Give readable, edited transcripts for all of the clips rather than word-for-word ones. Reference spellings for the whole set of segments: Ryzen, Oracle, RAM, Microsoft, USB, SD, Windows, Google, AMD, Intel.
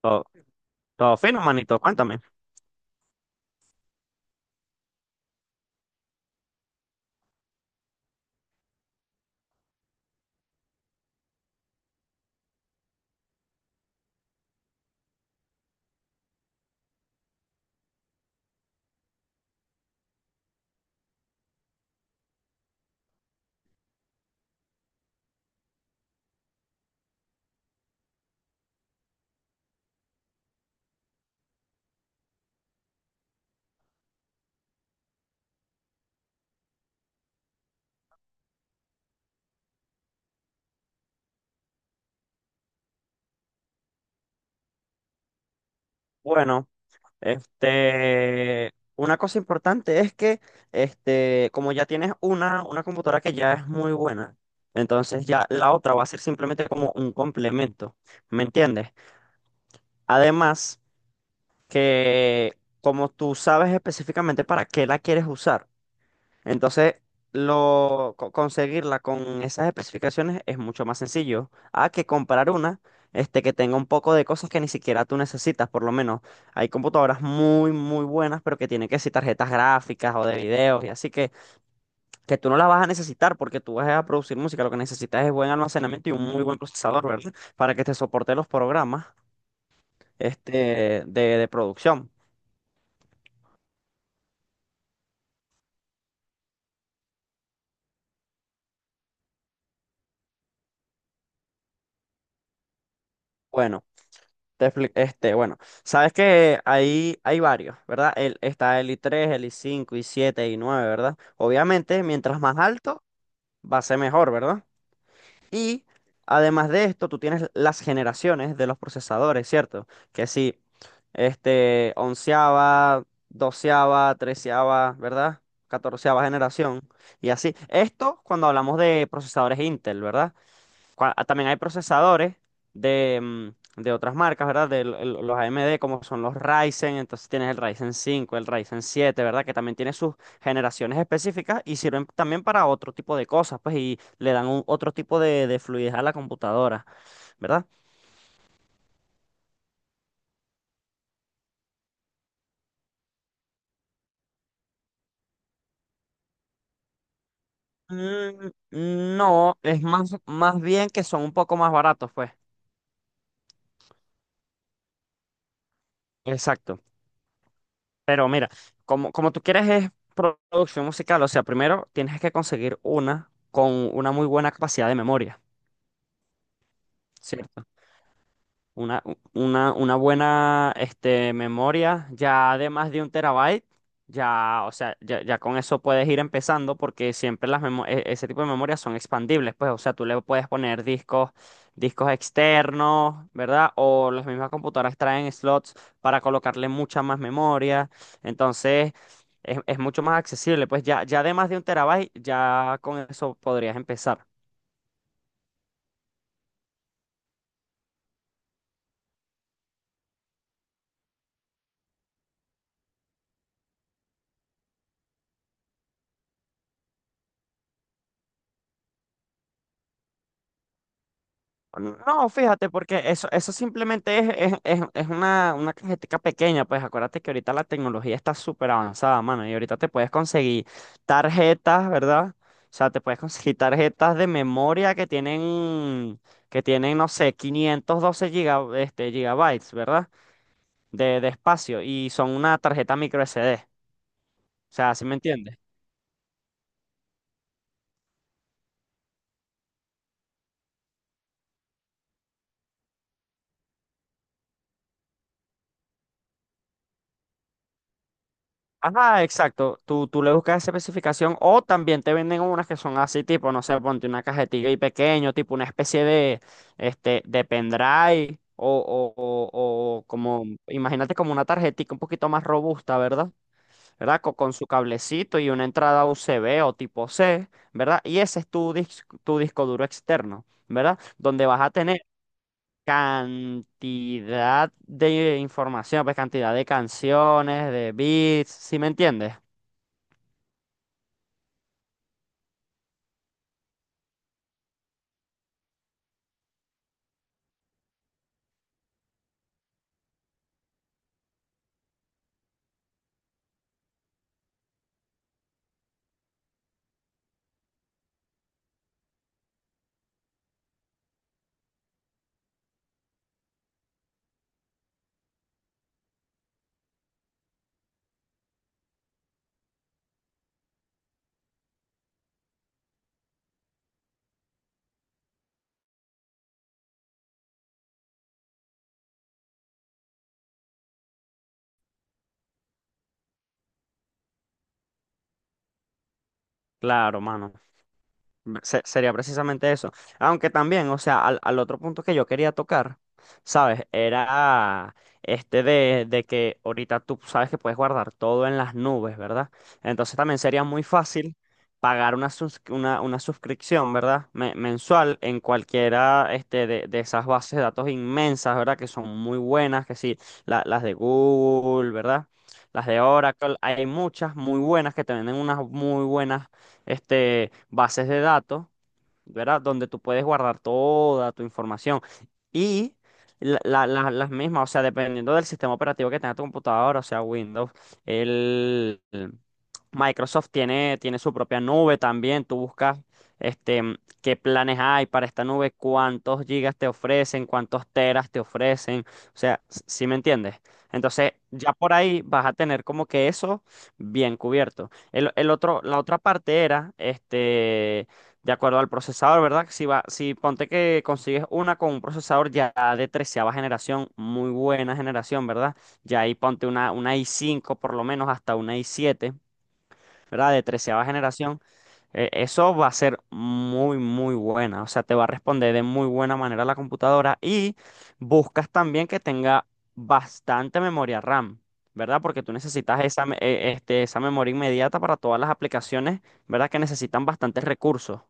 Todo, todo fino, manito, cuéntame. Bueno, una cosa importante es que, como ya tienes una computadora que ya es muy buena, entonces ya la otra va a ser simplemente como un complemento, ¿me entiendes? Además, que como tú sabes específicamente para qué la quieres usar, entonces, conseguirla con esas especificaciones es mucho más sencillo a que comprar una que tenga un poco de cosas que ni siquiera tú necesitas, por lo menos. Hay computadoras muy, muy buenas, pero que tienen que ser tarjetas gráficas o de videos y así que tú no las vas a necesitar porque tú vas a producir música. Lo que necesitas es buen almacenamiento y un muy buen procesador, ¿verdad? Para que te soporte los programas de producción. Bueno. Bueno, sabes que hay varios, ¿verdad? Está el I3, el I5, i7 i9, ¿verdad? Obviamente, mientras más alto, va a ser mejor, ¿verdad? Y además de esto, tú tienes las generaciones de los procesadores, ¿cierto? Que sí, onceava, doceava, treceava, ¿verdad? Catorceava generación y así. Esto cuando hablamos de procesadores Intel, ¿verdad? También hay procesadores de otras marcas, ¿verdad? De los AMD, como son los Ryzen, entonces tienes el Ryzen 5, el Ryzen 7, ¿verdad? Que también tiene sus generaciones específicas y sirven también para otro tipo de cosas, pues, y le dan otro tipo de fluidez a la computadora, ¿verdad? Mm, no, es más bien que son un poco más baratos, pues. Exacto. Pero mira, como tú quieres es producción musical, o sea, primero tienes que conseguir una con una muy buena capacidad de memoria. ¿Cierto? Una buena memoria ya de más de un terabyte, ya, o sea, ya con eso puedes ir empezando porque siempre ese tipo de memorias son expandibles, pues, o sea, tú le puedes poner discos, discos externos, ¿verdad? O las mismas computadoras traen slots para colocarle mucha más memoria, entonces es mucho más accesible, pues ya de más de un terabyte, ya con eso podrías empezar. No, fíjate, porque eso simplemente es una cajetica pequeña, pues acuérdate que ahorita la tecnología está súper avanzada, mano, y ahorita te puedes conseguir tarjetas, ¿verdad? O sea, te puedes conseguir tarjetas de memoria que tienen, no sé, 512 gigabytes, ¿verdad? De espacio, y son una tarjeta micro SD, o sea, ¿sí me entiendes? Ajá, exacto. Tú le buscas esa especificación o también te venden unas que son así, tipo, no sé, ponte una cajetilla y pequeño, tipo una especie de, pendrive o como, imagínate como una tarjetita un poquito más robusta, ¿verdad? Con su cablecito y una entrada USB o tipo C, ¿verdad? Y ese es tu disco duro externo, ¿verdad? Donde vas a tener cantidad de información, pues cantidad de canciones, de beats, ¿sí me entiendes? Claro, mano. Sería precisamente eso. Aunque también, o sea, al otro punto que yo quería tocar, ¿sabes? Era de que ahorita tú sabes que puedes guardar todo en las nubes, ¿verdad? Entonces también sería muy fácil pagar una suscripción, ¿verdad? Mensual en cualquiera de esas bases de datos inmensas, ¿verdad? Que son muy buenas, que sí, las de Google, ¿verdad? Las de Oracle, hay muchas muy buenas que te venden unas muy buenas bases de datos, ¿verdad? Donde tú puedes guardar toda tu información. Y las mismas, o sea, dependiendo del sistema operativo que tenga tu computadora, o sea, Windows, el Microsoft tiene, su propia nube también. Tú buscas este, mm, qué planes hay para esta nube, cuántos gigas te ofrecen, cuántos teras te ofrecen. O sea, ¿si me entiendes? Entonces, ya por ahí vas a tener como que eso bien cubierto. La otra parte era, de acuerdo al procesador, ¿verdad? Si ponte que consigues una con un procesador ya de treceava generación, muy buena generación, ¿verdad? Ya ahí ponte una i5 por lo menos hasta una i7, ¿verdad? De treceava generación. Eso va a ser muy, muy buena. O sea, te va a responder de muy buena manera la computadora y buscas también que tenga bastante memoria RAM, ¿verdad? Porque tú necesitas esa memoria inmediata para todas las aplicaciones, ¿verdad? Que necesitan bastantes recursos.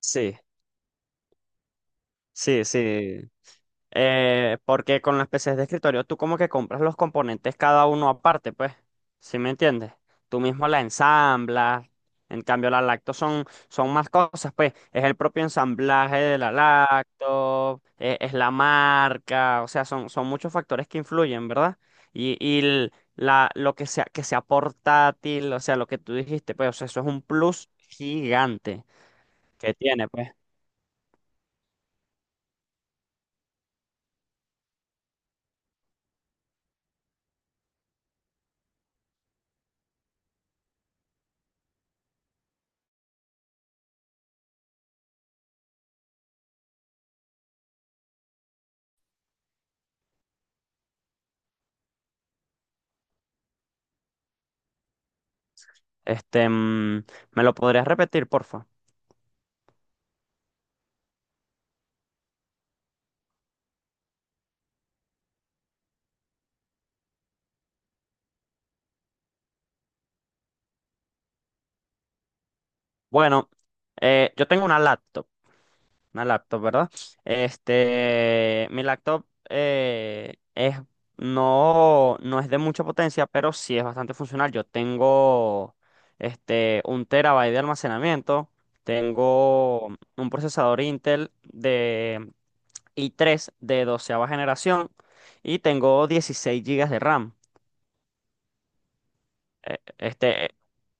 Sí. Sí, sí. Porque con las PCs de escritorio tú como que compras los componentes cada uno aparte, pues. ¿Sí me entiendes? Tú mismo la ensamblas. En cambio, la lacto son más cosas, pues. Es el propio ensamblaje de la lacto, es la marca, o sea, son muchos factores que influyen, ¿verdad? Lo que sea portátil, o sea, lo que tú dijiste, pues, o sea, eso es un plus gigante que tiene, pues. Este, mm, ¿Me lo podrías repetir, porfa? Bueno, yo tengo una laptop, ¿verdad? Mi laptop no, no es de mucha potencia, pero sí es bastante funcional. Yo tengo un terabyte de almacenamiento, tengo un procesador Intel de i3 de doceava generación y tengo 16 gigas de RAM. Eh, Este,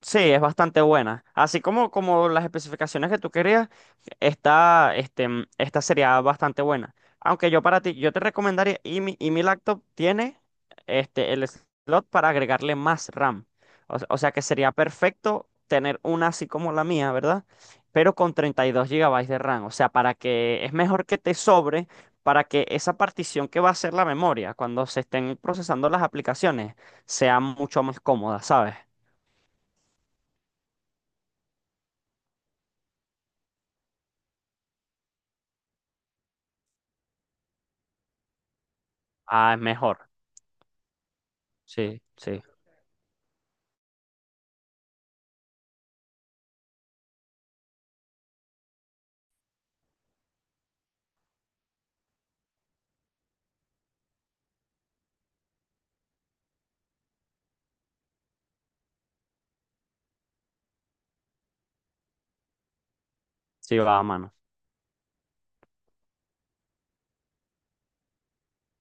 Sí, es bastante buena. Así como las especificaciones que tú querías, esta sería bastante buena. Aunque yo para ti, yo te recomendaría, y mi laptop tiene el slot para agregarle más RAM. O sea que sería perfecto tener una así como la mía, ¿verdad? Pero con 32 gigabytes de RAM. O sea, para que es mejor que te sobre para que esa partición que va a ser la memoria cuando se estén procesando las aplicaciones sea mucho más cómoda, ¿sabes? Ah, es mejor. Sí, sí, sí va, a mano.